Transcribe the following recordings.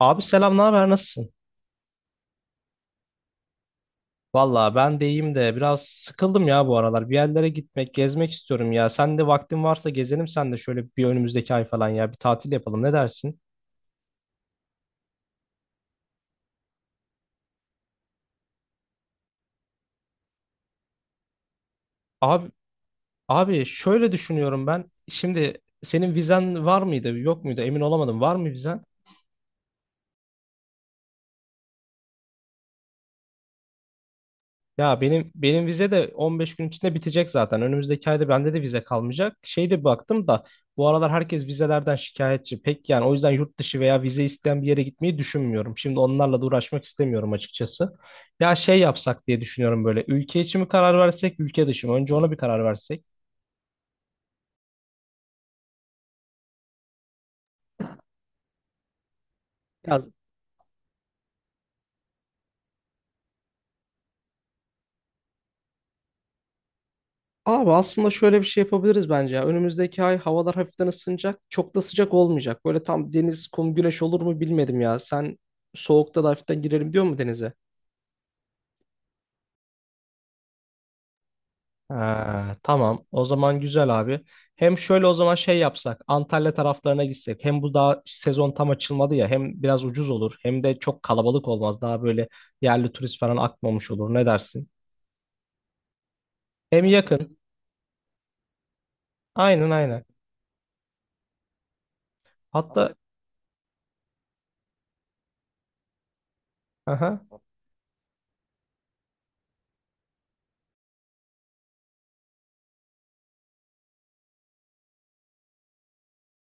Abi selam, ne haber, nasılsın? Valla ben de iyiyim de biraz sıkıldım ya bu aralar. Bir yerlere gitmek, gezmek istiyorum ya. Sen de vaktin varsa gezelim, sen de şöyle bir önümüzdeki ay falan ya bir tatil yapalım. Ne dersin? Abi abi, şöyle düşünüyorum ben. Şimdi senin vizen var mıydı, yok muydu? Emin olamadım. Var mı vizen? Ya benim vize de 15 gün içinde bitecek zaten. Önümüzdeki ayda bende de vize kalmayacak. Şey, de baktım da bu aralar herkes vizelerden şikayetçi. Pek yani, o yüzden yurt dışı veya vize isteyen bir yere gitmeyi düşünmüyorum. Şimdi onlarla da uğraşmak istemiyorum açıkçası. Ya, şey yapsak diye düşünüyorum böyle. Ülke içi mi karar versek, ülke dışı mı? Önce ona bir karar versek. Ya abi, aslında şöyle bir şey yapabiliriz bence ya. Önümüzdeki ay havalar hafiften ısınacak. Çok da sıcak olmayacak. Böyle tam deniz, kum, güneş olur mu bilmedim ya. Sen soğukta da hafiften girelim diyor mu denize? Ha, tamam. O zaman güzel abi. Hem şöyle o zaman şey yapsak. Antalya taraflarına gitsek. Hem bu daha sezon tam açılmadı ya. Hem biraz ucuz olur. Hem de çok kalabalık olmaz. Daha böyle yerli turist falan akmamış olur. Ne dersin? Hem yakın. Aynen, aynen. Hatta aha.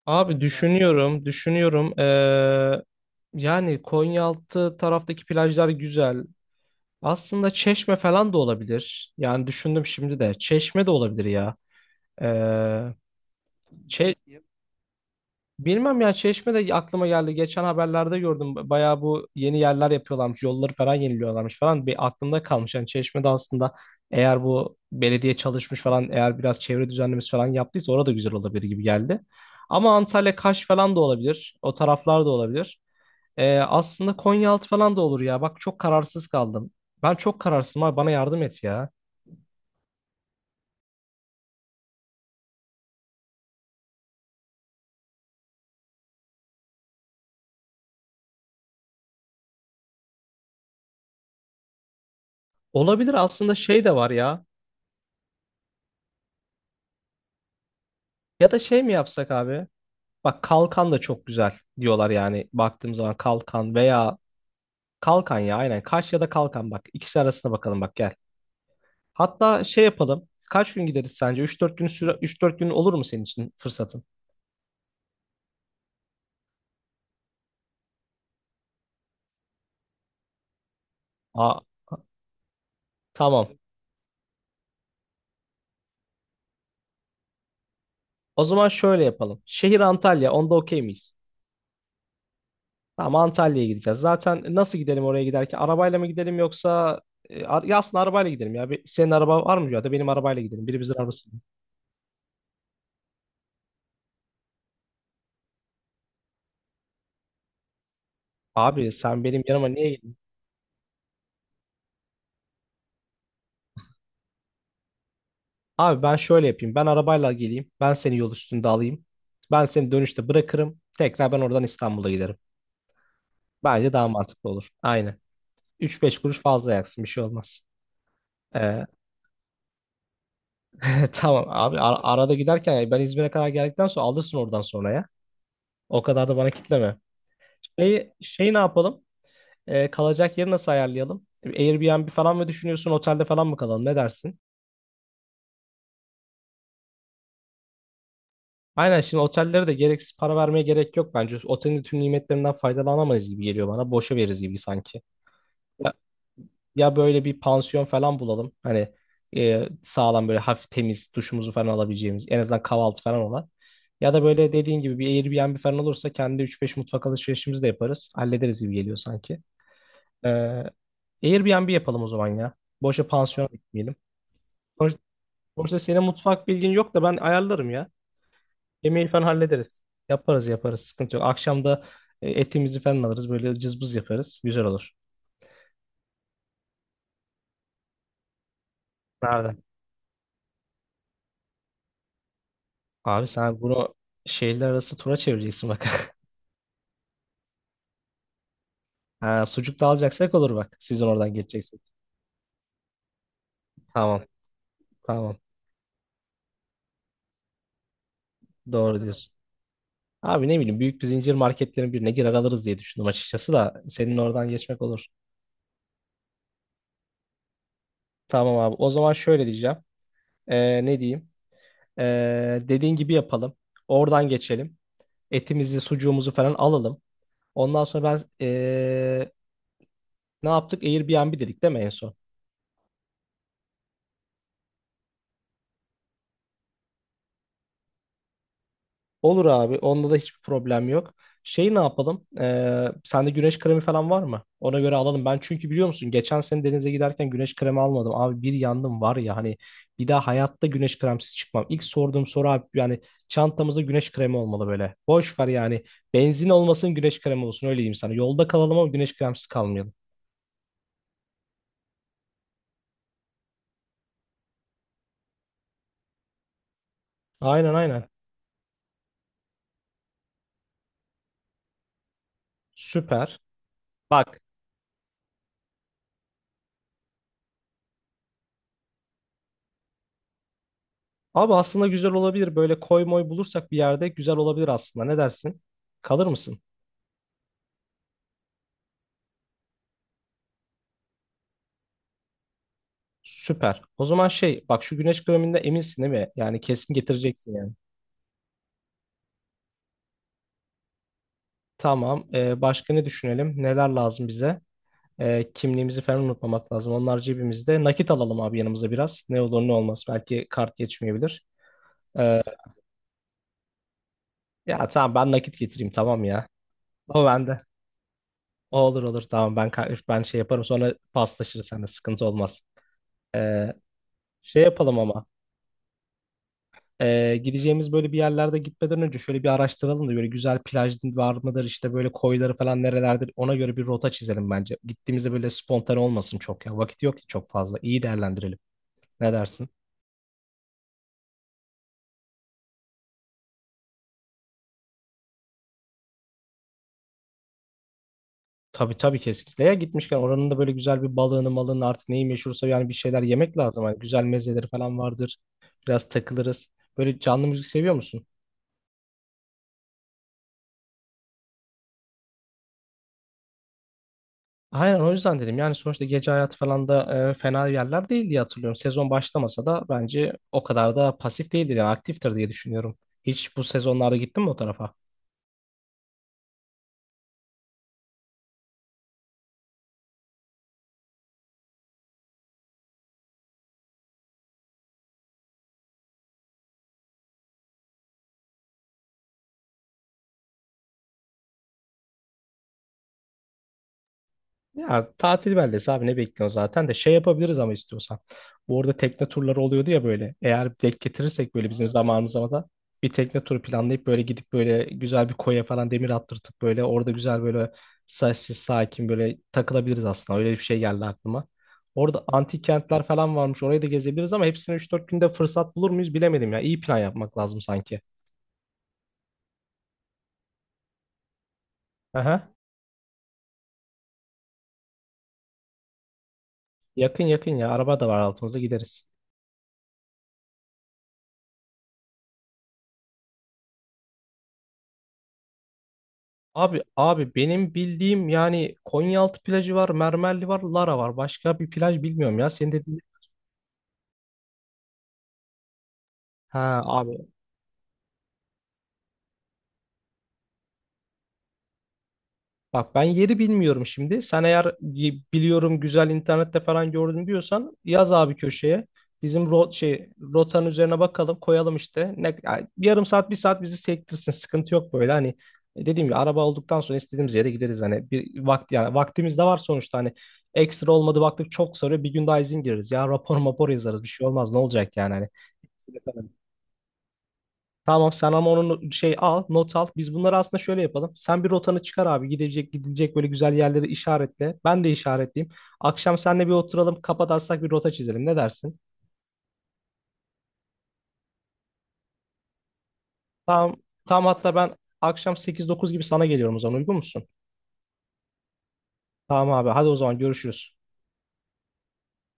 Abi düşünüyorum. Düşünüyorum. Yani Konyaaltı taraftaki plajlar güzel. Aslında Çeşme falan da olabilir. Yani düşündüm şimdi de. Çeşme de olabilir ya. Ee, Çe- Bilmem ya, Çeşme de aklıma geldi. Geçen haberlerde gördüm. Bayağı bu yeni yerler yapıyorlarmış. Yolları falan yeniliyorlarmış falan. Bir aklımda kalmış. Yani Çeşme'de aslında eğer bu belediye çalışmış falan, eğer biraz çevre düzenlemesi falan yaptıysa orada güzel olabilir gibi geldi. Ama Antalya, Kaş falan da olabilir. O taraflar da olabilir. Aslında Konyaaltı falan da olur ya. Bak çok kararsız kaldım. Ben çok kararsızım abi. Bana yardım et ya. Olabilir, aslında şey de var ya. Ya da şey mi yapsak abi? Bak kalkan da çok güzel diyorlar. Yani baktığım zaman kalkan veya kalkan ya, aynen Kaş ya da kalkan, bak ikisi arasına bakalım, bak gel. Hatta şey yapalım. Kaç gün gideriz sence? 3-4 gün olur mu senin için fırsatın? Aa, tamam. O zaman şöyle yapalım. Şehir Antalya. Onda okey miyiz? Tamam, Antalya'ya gideceğiz. Zaten nasıl gidelim oraya giderken? Arabayla mı gidelim, yoksa ya aslında arabayla gidelim ya. Senin araba var mı, ya da benim arabayla gidelim. Birimizin arabası. Abi sen benim yanıma niye Abi ben şöyle yapayım. Ben arabayla geleyim. Ben seni yol üstünde alayım. Ben seni dönüşte bırakırım. Tekrar ben oradan İstanbul'a giderim. Bence daha mantıklı olur. Aynen. 3-5 kuruş fazla yaksın. Bir şey olmaz. Ee, tamam abi, arada giderken yani ben İzmir'e kadar geldikten sonra alırsın oradan sonra ya. O kadar da bana kitleme. Şeyi, ne yapalım? Kalacak yeri nasıl ayarlayalım? Airbnb falan mı düşünüyorsun? Otelde falan mı kalalım? Ne dersin? Aynen, şimdi otellere de gereksiz para vermeye gerek yok bence. Otelin tüm nimetlerinden faydalanamayız gibi geliyor bana. Boşa veririz gibi sanki. Ya, ya böyle bir pansiyon falan bulalım. Hani sağlam, böyle hafif temiz duşumuzu falan alabileceğimiz, en azından kahvaltı falan olan. Ya da böyle dediğin gibi bir Airbnb falan olursa kendi üç beş mutfak alışverişimizi de yaparız. Hallederiz gibi geliyor sanki. Ee, Airbnb yapalım o zaman ya. Boşa pansiyona gitmeyelim. Sonuçta, sonuçta, senin mutfak bilgin yok da ben ayarlarım ya. Yemeği falan hallederiz. Yaparız yaparız, sıkıntı yok. Akşam da etimizi falan alırız, böyle cızbız yaparız. Güzel olur. Ne Abi sen bunu şehirler arası tura çevireceksin bak. Ha, sucuk da alacaksak olur bak. Sizin oradan geçeceksin. Tamam. Tamam. Doğru diyorsun. Abi ne bileyim, büyük bir zincir marketlerin birine girer alırız diye düşündüm açıkçası da senin oradan geçmek olur. Tamam abi. O zaman şöyle diyeceğim. Ne diyeyim? Dediğin gibi yapalım. Oradan geçelim. Etimizi, sucuğumuzu falan alalım. Ondan sonra ben ne yaptık? Airbnb dedik değil mi en son? Olur abi. Onda da hiçbir problem yok. Şey, ne yapalım? Sende güneş kremi falan var mı? Ona göre alalım. Ben çünkü biliyor musun, geçen sene denize giderken güneş kremi almadım. Abi bir yandım var ya hani, bir daha hayatta güneş kremsiz çıkmam. İlk sorduğum soru abi, yani çantamızda güneş kremi olmalı böyle. Boş ver yani. Benzin olmasın güneş kremi olsun, öyle diyeyim sana. Yolda kalalım ama güneş kremsiz kalmayalım. Aynen, aynen. Süper. Bak abi, aslında güzel olabilir. Böyle koy moy bulursak bir yerde güzel olabilir aslında. Ne dersin? Kalır mısın? Süper. O zaman şey, bak şu güneş kreminde eminsin değil mi? Yani kesin getireceksin yani. Tamam. Başka ne düşünelim? Neler lazım bize? Kimliğimizi falan unutmamak lazım. Onlar cebimizde. Nakit alalım abi yanımıza biraz. Ne olur ne olmaz. Belki kart geçmeyebilir. Ee, ya tamam, ben nakit getireyim tamam ya. O bende. O olur olur, tamam ben ben şey yaparım, sonra paslaşırız seninle, sıkıntı olmaz. Ee, şey yapalım ama. Gideceğimiz böyle bir yerlerde, gitmeden önce şöyle bir araştıralım da, böyle güzel plaj var mıdır işte, böyle koyları falan nerelerdir, ona göre bir rota çizelim bence. Gittiğimizde böyle spontane olmasın çok ya. Vakit yok ki çok fazla. İyi değerlendirelim. Ne dersin? Tabii tabii, kesinlikle. Ya gitmişken oranın da böyle güzel bir balığını, malını, artık neyi meşhursa yani bir şeyler yemek lazım. Hani güzel mezeleri falan vardır. Biraz takılırız. Böyle canlı müzik seviyor musun? Aynen, o yüzden dedim. Yani sonuçta gece hayatı falan da fena yerler değil diye hatırlıyorum. Sezon başlamasa da bence o kadar da pasif değildir, yani aktiftir diye düşünüyorum. Hiç bu sezonlarda gittin mi o tarafa? Ya tatil beldesi abi, ne bekliyorsun zaten de şey yapabiliriz ama istiyorsan. Bu arada tekne turları oluyordu ya böyle. Eğer denk getirirsek böyle bizim zamanımıza da bir tekne turu planlayıp böyle gidip böyle güzel bir koya falan demir attırtıp böyle orada güzel böyle sessiz sakin böyle takılabiliriz aslında. Öyle bir şey geldi aklıma. Orada antik kentler falan varmış. Orayı da gezebiliriz ama hepsini 3-4 günde fırsat bulur muyuz bilemedim ya. İyi plan yapmak lazım sanki. Aha. Yakın yakın ya. Araba da var altımızda, gideriz. Abi, benim bildiğim yani Konyaaltı plajı var, Mermerli var, Lara var. Başka bir plaj bilmiyorum ya. Senin dediğin Ha abi, bak ben yeri bilmiyorum şimdi. Sen eğer biliyorum, güzel internette falan gördüm diyorsan, yaz abi köşeye. Bizim rotanın üzerine bakalım koyalım işte. Ne, ya yarım saat bir saat bizi sektirsin, sıkıntı yok böyle hani. Dediğim gibi araba olduktan sonra istediğimiz yere gideriz, hani bir vakti yani vaktimiz de var sonuçta hani. Ekstra olmadı baktık, çok sarıyor, bir gün daha izin gireriz ya, rapor mapor yazarız, bir şey olmaz ne olacak yani hani. Tamam sen ama onun şey al, not al. Biz bunları aslında şöyle yapalım. Sen bir rotanı çıkar abi. Gidilecek böyle güzel yerleri işaretle. Ben de işaretleyeyim. Akşam seninle bir oturalım. Kafa taslak bir rota çizelim. Ne dersin? Tamam. Tamam hatta ben akşam 8-9 gibi sana geliyorum o zaman. Uygun musun? Tamam abi. Hadi o zaman görüşürüz.